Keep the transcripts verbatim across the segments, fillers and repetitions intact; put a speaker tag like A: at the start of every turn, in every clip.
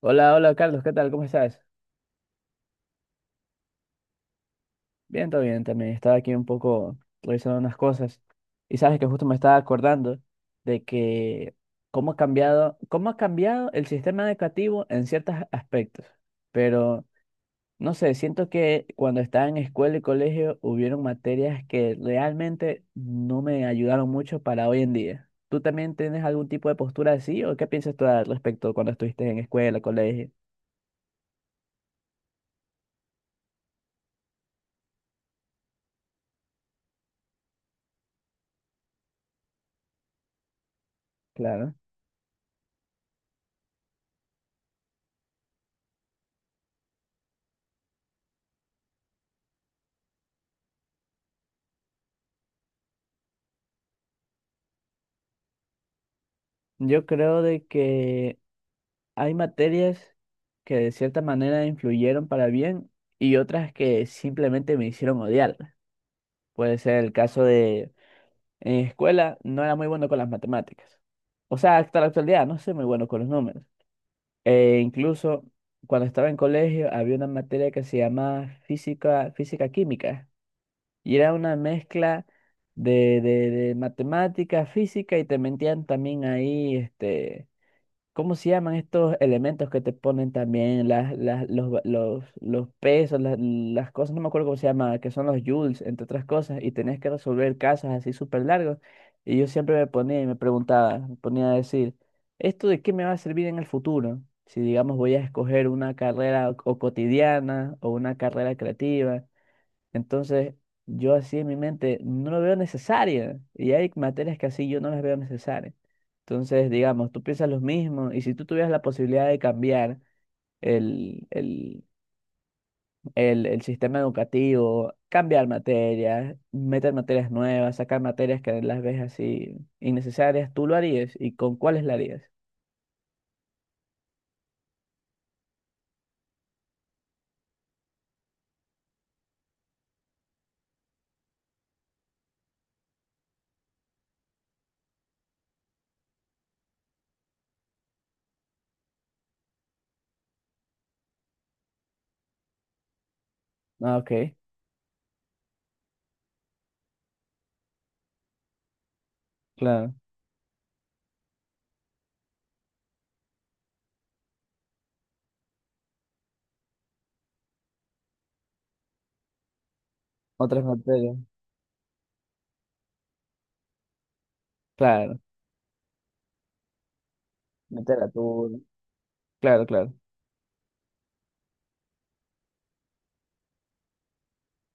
A: Hola, hola Carlos, ¿qué tal? ¿Cómo estás? Bien, todo bien también. Estaba aquí un poco revisando unas cosas y sabes que justo me estaba acordando de que cómo ha cambiado, cómo ha cambiado el sistema educativo en ciertos aspectos. Pero no sé, siento que cuando estaba en escuela y colegio hubieron materias que realmente no me ayudaron mucho para hoy en día. ¿Tú también tienes algún tipo de postura así o qué piensas tú al respecto cuando estuviste en escuela, colegio? Claro. Yo creo de que hay materias que de cierta manera influyeron para bien y otras que simplemente me hicieron odiarlas. Puede ser el caso de en escuela no era muy bueno con las matemáticas. O sea, hasta la actualidad no soy muy bueno con los números. E incluso cuando estaba en colegio había una materia que se llamaba física, física química y era una mezcla de, de, de matemática, física y te mentían también ahí este ¿Cómo se llaman estos elementos que te ponen también las, las, los, va- los, los pesos, las, las cosas? No me acuerdo cómo se llama, que son los joules, entre otras cosas, y tenés que resolver casos así súper largos. Y yo siempre me ponía y me preguntaba, me ponía a decir, ¿esto de qué me va a servir en el futuro? Si, digamos, voy a escoger una carrera o o cotidiana o una carrera creativa. Entonces, yo así en mi mente no lo veo necesaria y hay materias que así yo no las veo necesarias. Entonces, digamos, tú piensas lo mismo y si tú tuvieras la posibilidad de cambiar el, el, el, el sistema educativo, cambiar materias, meter materias nuevas, sacar materias que las ves así innecesarias, ¿tú lo harías? ¿Y con cuáles lo harías? Ah, ok, claro. Otras materias, claro. Literatura, claro, claro.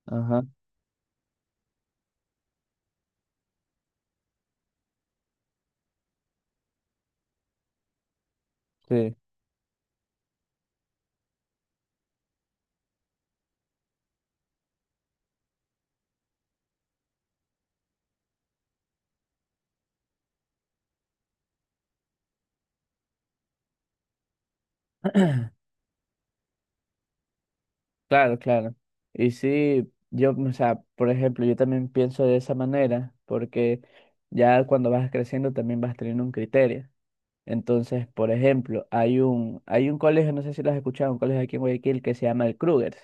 A: Ajá, sí. Claro, claro. Y sí, yo, o sea, por ejemplo, yo también pienso de esa manera, porque ya cuando vas creciendo también vas teniendo un criterio. Entonces, por ejemplo, hay un, hay un colegio, no sé si lo has escuchado, un colegio aquí en Guayaquil que se llama el Krugers.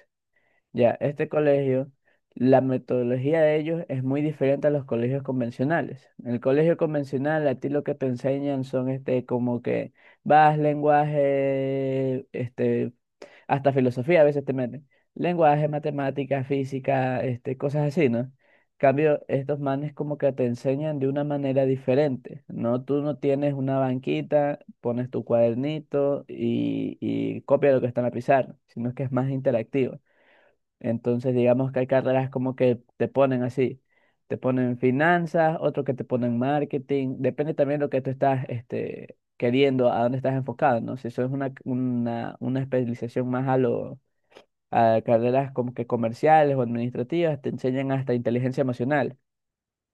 A: Ya, este colegio, la metodología de ellos es muy diferente a los colegios convencionales. En el colegio convencional, a ti lo que te enseñan son este, como que vas, lenguaje, este, hasta filosofía a veces te meten. Lenguaje, matemáticas física, este, cosas así, ¿no? Cambio, estos manes como que te enseñan de una manera diferente, ¿no? Tú no tienes una banquita, pones tu cuadernito y, y copia lo que está en la pizarra, sino que es más interactivo. Entonces, digamos que hay carreras como que te ponen así, te ponen finanzas, otro que te ponen marketing, depende también de lo que tú estás este, queriendo, a dónde estás enfocado, ¿no? Si eso es una, una, una especialización más a lo, a carreras como que comerciales o administrativas, te enseñan hasta inteligencia emocional.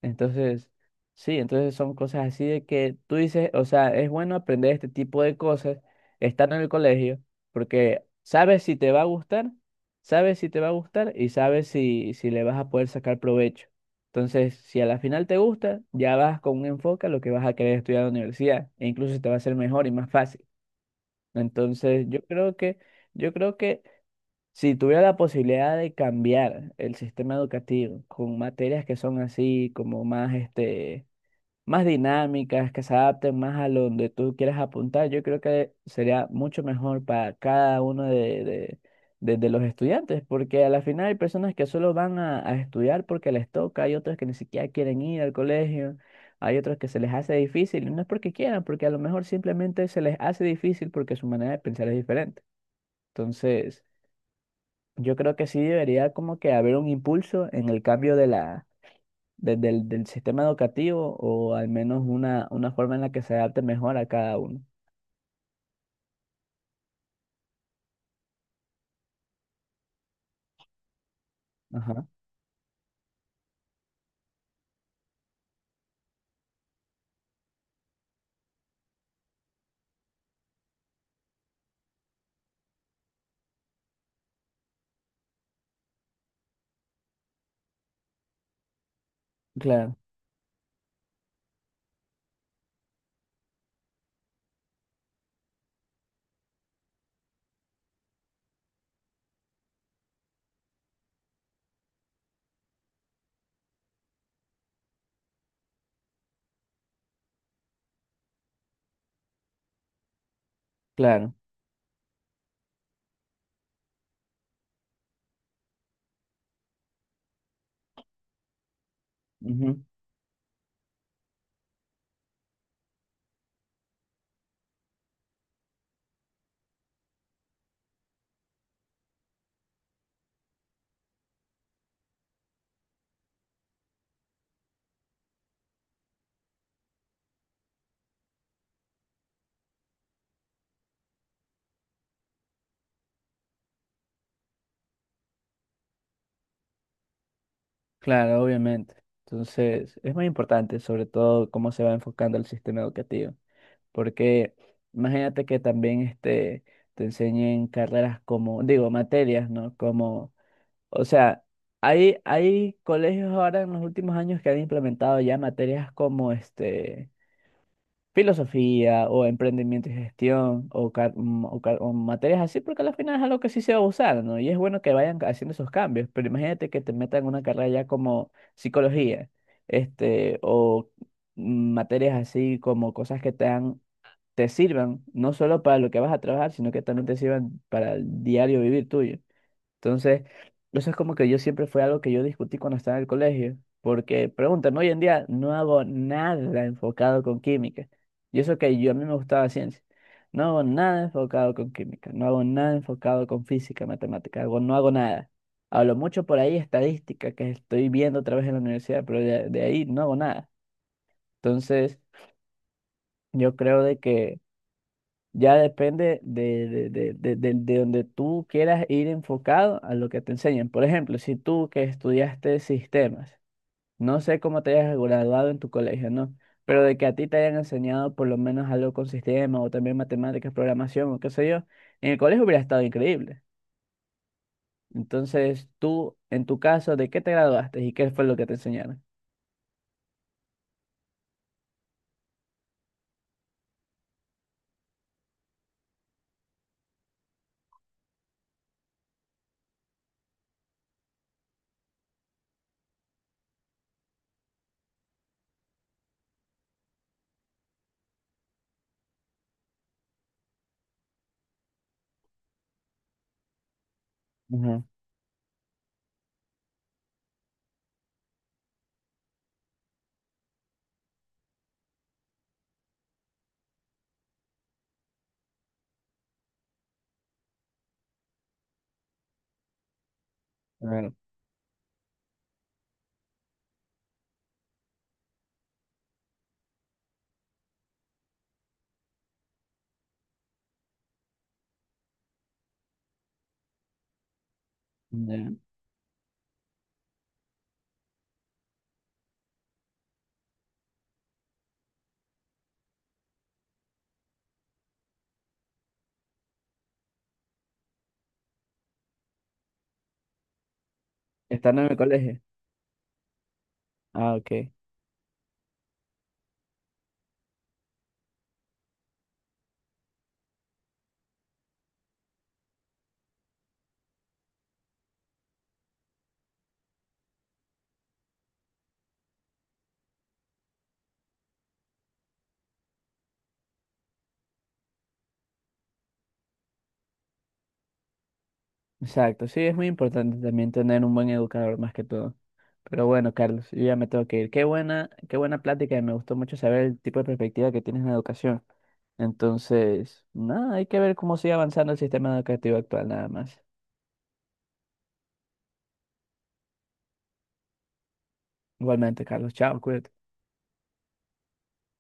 A: Entonces, sí, entonces son cosas así de que tú dices, o sea, es bueno aprender este tipo de cosas, estar en el colegio, porque sabes si te va a gustar, sabes si te va a gustar y sabes si, si le vas a poder sacar provecho. Entonces, si a la final te gusta, ya vas con un enfoque a lo que vas a querer estudiar en la universidad, e incluso te va a ser mejor y más fácil. Entonces, yo creo que, yo creo que si tuviera la posibilidad de cambiar el sistema educativo con materias que son así, como más, este, más dinámicas, que se adapten más a lo donde tú quieras apuntar, yo creo que sería mucho mejor para cada uno de, de- de- de los estudiantes, porque a la final hay personas que solo van a, a estudiar porque les toca, hay otros que ni siquiera quieren ir al colegio, hay otros que se les hace difícil, y no es porque quieran, porque a lo mejor simplemente se les hace difícil porque su manera de pensar es diferente. Entonces, yo creo que sí debería como que haber un impulso en el cambio de la, de- del, del sistema educativo o al menos una, una forma en la que se adapte mejor a cada uno. Ajá, claro, claro, ujú, claro, obviamente. Entonces, es muy importante sobre todo cómo se va enfocando el sistema educativo, porque imagínate que también este, te enseñen carreras como, digo, materias, ¿no? Como o sea, hay, hay colegios ahora en los últimos años que han implementado ya materias como este, filosofía o emprendimiento y gestión o, car- mm, o car- o materias así, porque al final es algo que sí se va a usar, ¿no? Y es bueno que vayan haciendo esos cambios, pero imagínate que te metan en una carrera ya como psicología, este, o mm, materias así como cosas que te dan, te sirvan, no solo para lo que vas a trabajar, sino que también te sirvan para el diario vivir tuyo. Entonces, eso es como que yo siempre fue algo que yo discutí cuando estaba en el colegio, porque pregúntame, hoy en día no hago nada enfocado con química. Y eso que yo a mí me gustaba ciencia. No hago nada enfocado con química, no hago nada enfocado con física, matemática, hago- no hago nada. Hablo mucho por ahí estadística que estoy viendo otra vez en la universidad, pero de, de ahí no hago nada. Entonces, yo creo de que ya depende de, de, de, de, de- de donde tú quieras ir enfocado a lo que te enseñan. Por ejemplo, si tú que estudiaste sistemas, no sé cómo te hayas graduado en tu colegio, ¿no? Pero de que a ti te hayan enseñado por lo menos algo con sistemas o también matemáticas, programación o qué sé yo, en el colegio hubiera estado increíble. Entonces, tú, en tu caso, ¿de qué te graduaste y qué fue lo que te enseñaron? Ujú, claro, ya. Estando en el colegio. Ah, ok. Exacto. Sí, es muy importante también tener un buen educador más que todo. Pero bueno, Carlos, yo ya me tengo que ir. Qué buena, qué buena plática y me gustó mucho saber el tipo de perspectiva que tienes en la educación. Entonces, nada, hay que ver cómo sigue avanzando el sistema educativo actual, nada más. Igualmente, Carlos, chao, cuídate.